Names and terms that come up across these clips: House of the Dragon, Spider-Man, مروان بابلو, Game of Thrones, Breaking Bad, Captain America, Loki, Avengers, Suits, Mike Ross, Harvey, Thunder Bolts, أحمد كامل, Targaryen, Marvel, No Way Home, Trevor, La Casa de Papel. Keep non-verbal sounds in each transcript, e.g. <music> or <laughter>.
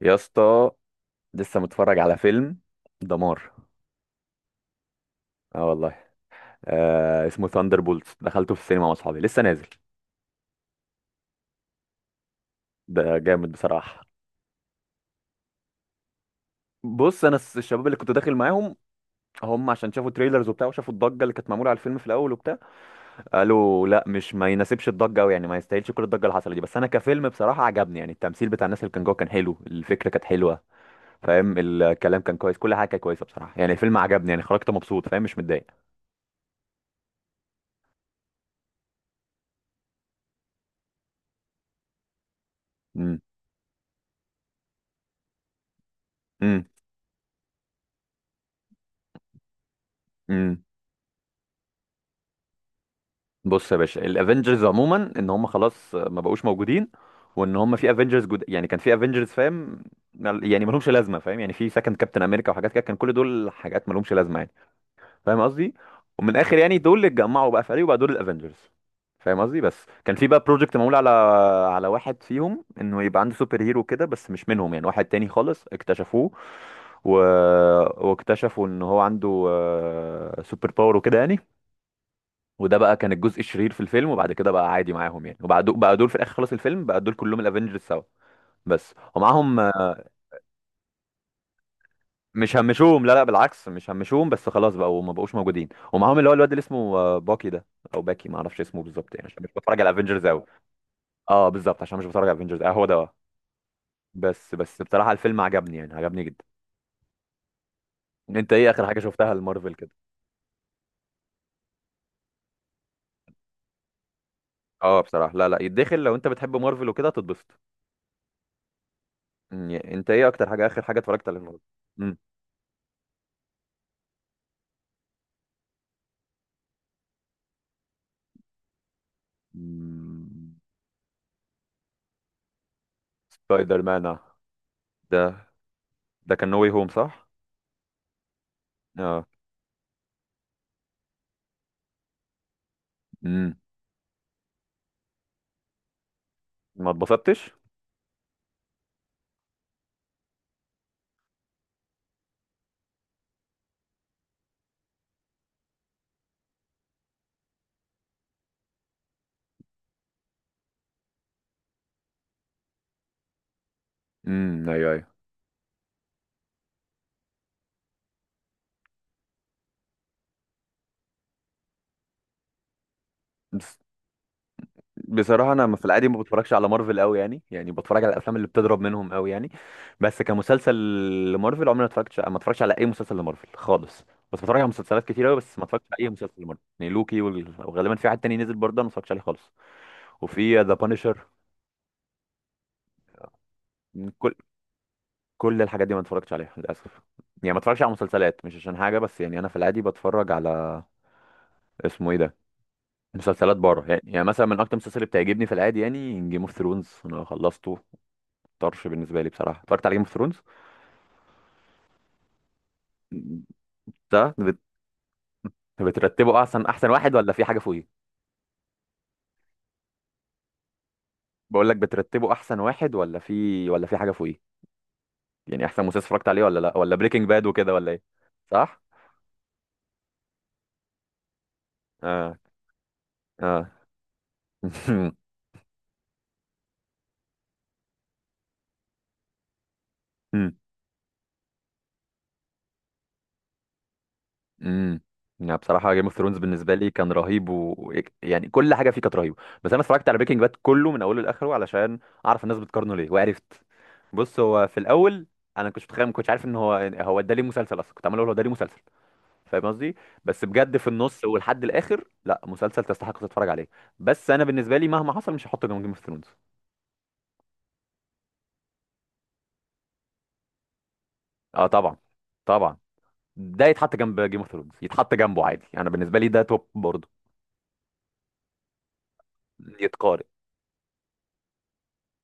يا اسطى، لسه متفرج على فيلم دمار. اه والله. آه، اسمه ثاندر بولتس، دخلته في السينما مع اصحابي، لسه نازل. ده جامد بصراحه. بص، انا الشباب اللي كنت داخل معاهم هم عشان شافوا تريلرز وبتاع، وشافوا الضجه اللي كانت معموله على الفيلم في الاول وبتاع. قالوا لا، مش ما يناسبش الضجه قوي، يعني ما يستاهلش كل الضجه اللي حصلت دي. بس انا كفيلم بصراحه عجبني، يعني التمثيل بتاع الناس اللي كان جوه كان حلو، الفكره كانت حلوه. فاهم؟ الكلام كان كويس، كل حاجه كانت كويسه بصراحه، يعني الفيلم عجبني، يعني خرجت مبسوط، فاهم؟ مش متضايق. امم، امم، امم. بص يا باشا، الافنجرز عموما ان هم خلاص ما بقوش موجودين، وان هم في افنجرز يعني كان في افنجرز، فاهم؟ يعني ما لهمش لازمه، فاهم؟ يعني في سكند كابتن امريكا وحاجات كده، كان كل دول حاجات ما لهمش لازمه يعني. فاهم قصدي؟ ومن الاخر يعني دول اللي اتجمعوا بقى فريق وبقى دول الافنجرز. فاهم قصدي؟ بس كان في بقى بروجكت معمول على على واحد فيهم، انه يبقى عنده سوبر هيرو كده، بس مش منهم، يعني واحد تاني خالص اكتشفوه. و... واكتشفوا ان هو عنده سوبر باور وكده يعني. وده بقى كان الجزء الشرير في الفيلم، وبعد كده بقى عادي معاهم يعني. وبعد بقى دول في الاخر خلاص الفيلم بقى دول كلهم الافنجرز سوا. بس، ومعاهم مش همشوهم، لا لا، بالعكس مش همشوهم، بس خلاص بقى وما بقوش موجودين، ومعاهم اللي هو الواد اللي اسمه باكي ده. او باكي، ما اعرفش اسمه بالظبط يعني، عشان مش بتفرج على الافنجرز قوي. اه بالظبط، عشان مش بتفرج على الافنجرز. اه هو ده بس بس بصراحة الفيلم عجبني، يعني عجبني جدا. انت ايه اخر حاجة شفتها لمارفل كده؟ اه بصراحة لا لا، يتدخل لو انت بتحب مارفل وكده تتبسط. انت ايه اكتر حاجة، اخر حاجة اتفرجت عليها لمارفل؟ مم. سبايدر مان ده، ده كان نو واي هوم، صح؟ اه. امم. ما اتبسطتش؟ امم. ايوه ايوه. بس بصراحة أنا في العادي ما بتفرجش على مارفل أوي، يعني يعني بتفرج على الأفلام اللي بتضرب منهم أوي يعني. بس كمسلسل لمارفل عمري ما اتفرجتش، ما اتفرجش على أي مسلسل لمارفل خالص. بس بتفرج على مسلسلات كتير أوي، بس ما اتفرجتش على أي مسلسل لمارفل، يعني لوكي وغالبا في حد تاني نزل برضه أنا ما اتفرجتش عليه خالص. وفي ذا بانشر، كل كل الحاجات دي ما اتفرجتش عليها للأسف. يعني ما اتفرجش على مسلسلات، مش عشان حاجة، بس يعني أنا في العادي بتفرج على، اسمه إيه ده، مسلسلات بره يعني. يعني مثلا من اكتر المسلسلات اللي بتعجبني في العادي يعني جيم اوف ثرونز، انا خلصته. طرش بالنسبه لي بصراحه، اتفرجت على جيم اوف ثرونز. ده بت- بترتبه احسن واحد، ولا في حاجه فوقيه؟ بقول لك بترتبه احسن واحد، ولا في، ولا في حاجه فوقيه؟ يعني احسن مسلسل اتفرجت عليه ولا لا؟ ولا بريكنج باد وكده، ولا ايه؟ صح. اه. اه. <laughs> امم. يعني بصراحه جيم اوف ثرونز بالنسبه لي كان رهيب، ويعني كل حاجه فيه كانت رهيبه. بس انا اتفرجت على بريكنج باد كله من اوله لاخره علشان اعرف الناس بتقارنه ليه، وعرفت. بص هو في الاول انا كنت متخيل، ما كنتش عارف ان هو، هو ده ليه مسلسل اصلا، كنت عمال اقول هو ده ليه مسلسل. فاهم قصدي؟ بس بجد في النص ولحد الاخر، لا، مسلسل تستحق تتفرج عليه. بس انا بالنسبه لي مهما حصل مش هحطه جنب جيم اوف ثرونز. اه طبعا. طبعا. ده يتحط جنب جيم اوف ثرونز، يتحط جنبه عادي، انا بالنسبه لي ده توب برضه. يتقارن،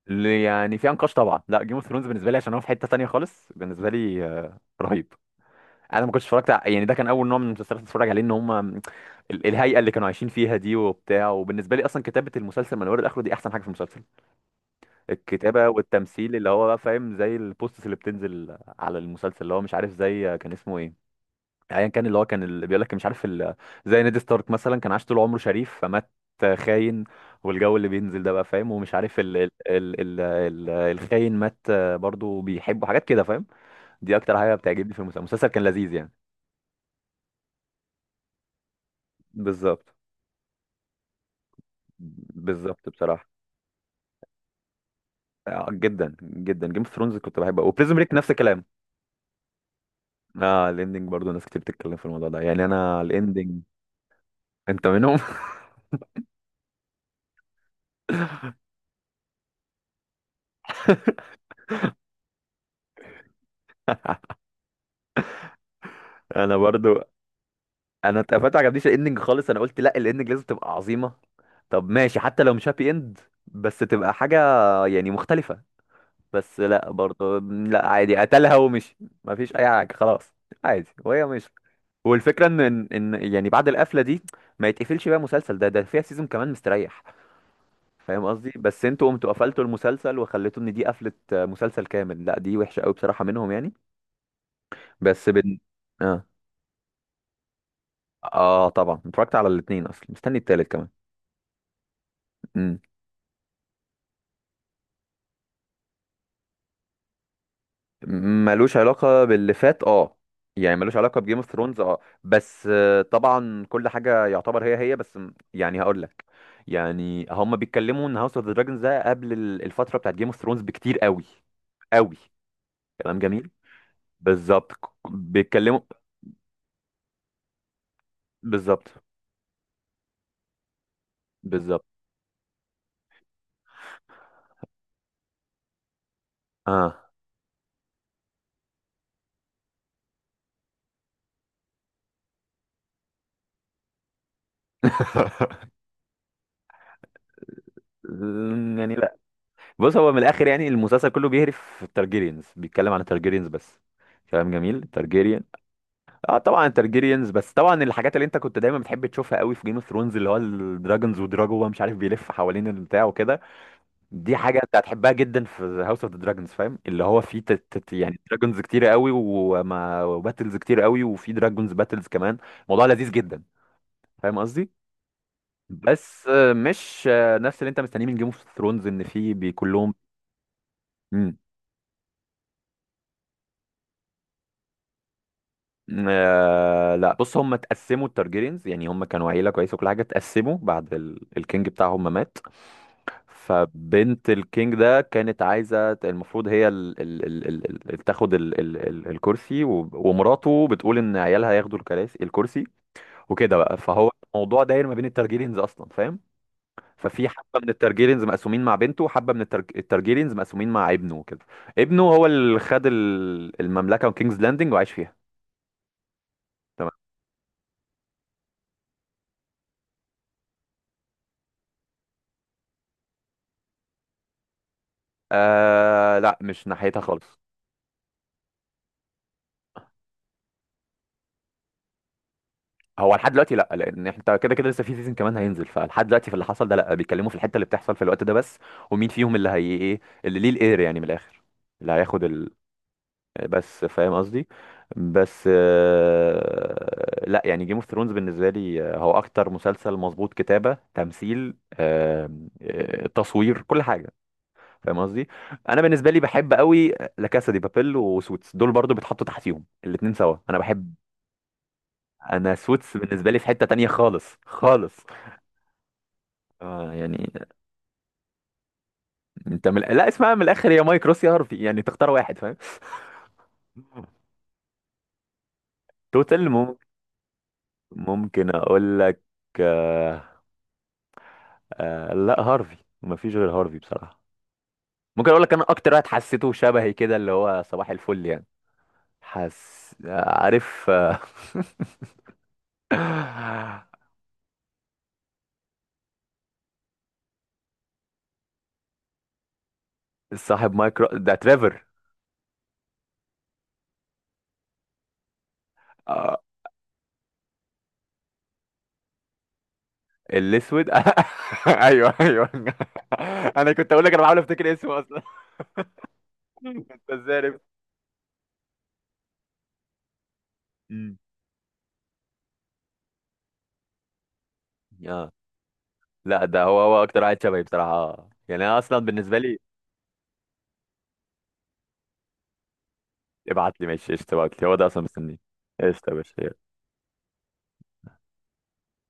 اللي يعني في انقاش طبعا. لا جيم اوف ثرونز بالنسبه لي عشان هو في حته تانية خالص بالنسبه لي. رهيب. انا ما كنتش يعني ده كان اول نوع من المسلسلات اللي اتفرج عليه. ان هم الهيئه اللي كانوا عايشين فيها دي وبتاع، وبالنسبه لي اصلا كتابه المسلسل من اوله لاخره دي احسن حاجه في المسلسل. الكتابه والتمثيل اللي هو بقى، فاهم؟ زي البوستس اللي بتنزل على المسلسل، اللي هو مش عارف زي كان اسمه ايه. ايا كان، اللي هو كان اللي بيقول لك مش عارف زي نيد ستارك مثلا، كان عاش طول عمره شريف فمات خاين. والجو اللي بينزل ده بقى، فاهم؟ ومش عارف ال ال ال ال ال الخاين مات. برضو بيحبه حاجات كده، فاهم؟ دي اكتر حاجه بتعجبني في المسلسل، المسلسل كان لذيذ يعني. بالظبط. بالظبط بصراحه. جدا جدا، جيم اوف ثرونز كنت بحبه. وبريزون بريك نفس الكلام. اه الاندنج برضو ناس كتير بتتكلم في الموضوع ده، يعني انا الاندنج. انت منهم؟ <laughs> انا برضو. انا اتقفلت، ما عجبنيش الاندنج خالص. انا قلت لا، الاندنج لازم تبقى عظيمه. طب ماشي حتى لو مش هابي اند، بس تبقى حاجه يعني مختلفه. بس لا برضه، لا، عادي، قتلها ومشي. ما فيش اي حاجه خلاص، عادي، وهي مش. والفكره ان ان إن يعني بعد القفله دي ما يتقفلش بقى، مسلسل ده فيها سيزون كمان مستريح. فاهم قصدي؟ بس انتوا قمتوا قفلتوا المسلسل، وخليتوا ان دي قفله مسلسل كامل، لا دي وحشه قوي بصراحه منهم يعني. بس اه. اه طبعا، اتفرجت على الاثنين، اصلا مستني التالت كمان. ملوش علاقة باللي فات، اه، يعني ملوش علاقة بجيم اوف ثرونز، اه، بس طبعا كل حاجة يعتبر هي هي، بس يعني هقول لك. يعني هم بيتكلموا ان هاوس اوف ذا دراجونز ده قبل الفترة بتاعت جيم اوف ثرونز بكتير قوي. قوي. كلام جميل. بالظبط. بيتكلموا. بالظبط. بالظبط. اه. <laughs> يعني لا. بص هو من الاخر يعني المسلسل كله بيهرف في التارجيريانز، بيتكلم عن التارجيريانز بس. كلام جميل. اه طبعا ترجيريانز، بس طبعا الحاجات اللي انت كنت دايما بتحب تشوفها قوي في جيم اوف ثرونز اللي هو الدراجونز ودراجو، هو مش عارف، بيلف حوالين البتاع وكده. دي حاجه انت هتحبها جدا في هاوس اوف ذا دراجونز، فاهم؟ اللي هو في يعني دراجونز كتير قوي، وما وباتلز كتير قوي، وفي دراجونز باتلز كمان. موضوع لذيذ جدا. فاهم قصدي؟ بس مش نفس اللي انت مستنيه من جيم اوف ثرونز، ان في كلهم. مم. آه لا، بص هم اتقسموا التارجيريانز، يعني هم كانوا عيله كويسه وكل حاجه، اتقسموا بعد الكينج بتاعهم ما مات. فبنت الكينج ده كانت عايزة، المفروض هي تاخد ال ال ال الكرسي، ومراته بتقول ان عيالها ياخدوا الكراسي، الكرسي. وكده بقى، فهو الموضوع داير ما بين الترجيرينز اصلا، فاهم؟ ففي حبة من الترجيرينز مقسومين مع بنته، وحبة من الترجيرينز مقسومين مع ابنه وكده. ابنه هو اللي خد المملكة وكينجز لاندنج وعاش فيها. تمام. آه لا، مش ناحيتها خالص. هو لحد دلوقتي لا، لان انت كده كده لسه في سيزون كمان هينزل، فلحد دلوقتي في اللي حصل ده لا، بيتكلموا في الحته اللي بتحصل في الوقت ده بس. ومين فيهم اللي هي، ايه اللي ليه الاير يعني من الاخر. اللي هياخد بس فاهم قصدي. بس لا، يعني جيم اوف ثرونز بالنسبه لي هو اكتر مسلسل مظبوط، كتابه، تمثيل، تصوير، كل حاجه. فاهم قصدي؟ انا بالنسبه لي بحب قوي لا كاسا دي بابيل وسوتس، دول برضو بيتحطوا تحتيهم الاتنين سوا، انا بحب. انا سوتس بالنسبه لي في حته تانية خالص خالص. اه يعني. انت لا اسمها من الاخر، يا مايك روس يا هارفي، يعني تختار واحد فاهم. <laughs> توتال ممكن. ممكن اقول لك. آه... لا هارفي، مفيش غير هارفي بصراحة. ممكن اقول لك انا اكتر واحد حسيته شبهي كده اللي هو صباح الفل يعني. حس عارف <laughs> صاحب مايكرو ده تريفر. آه، الاسود. <laughs> ايوه ايوه. <laughs> انا كنت اقول لك، انا بحاول افتكر اسمه اصلا. <laughs> انت ازاي عرفت؟ مم. لا ده هو، هو اكتر واحد شبهي بصراحه يعني انا اصلا بالنسبه لي. ابعت لي ماشي قشطه، ابعت لي، هو ده اصلا مستنيه. قشطه يا باشا.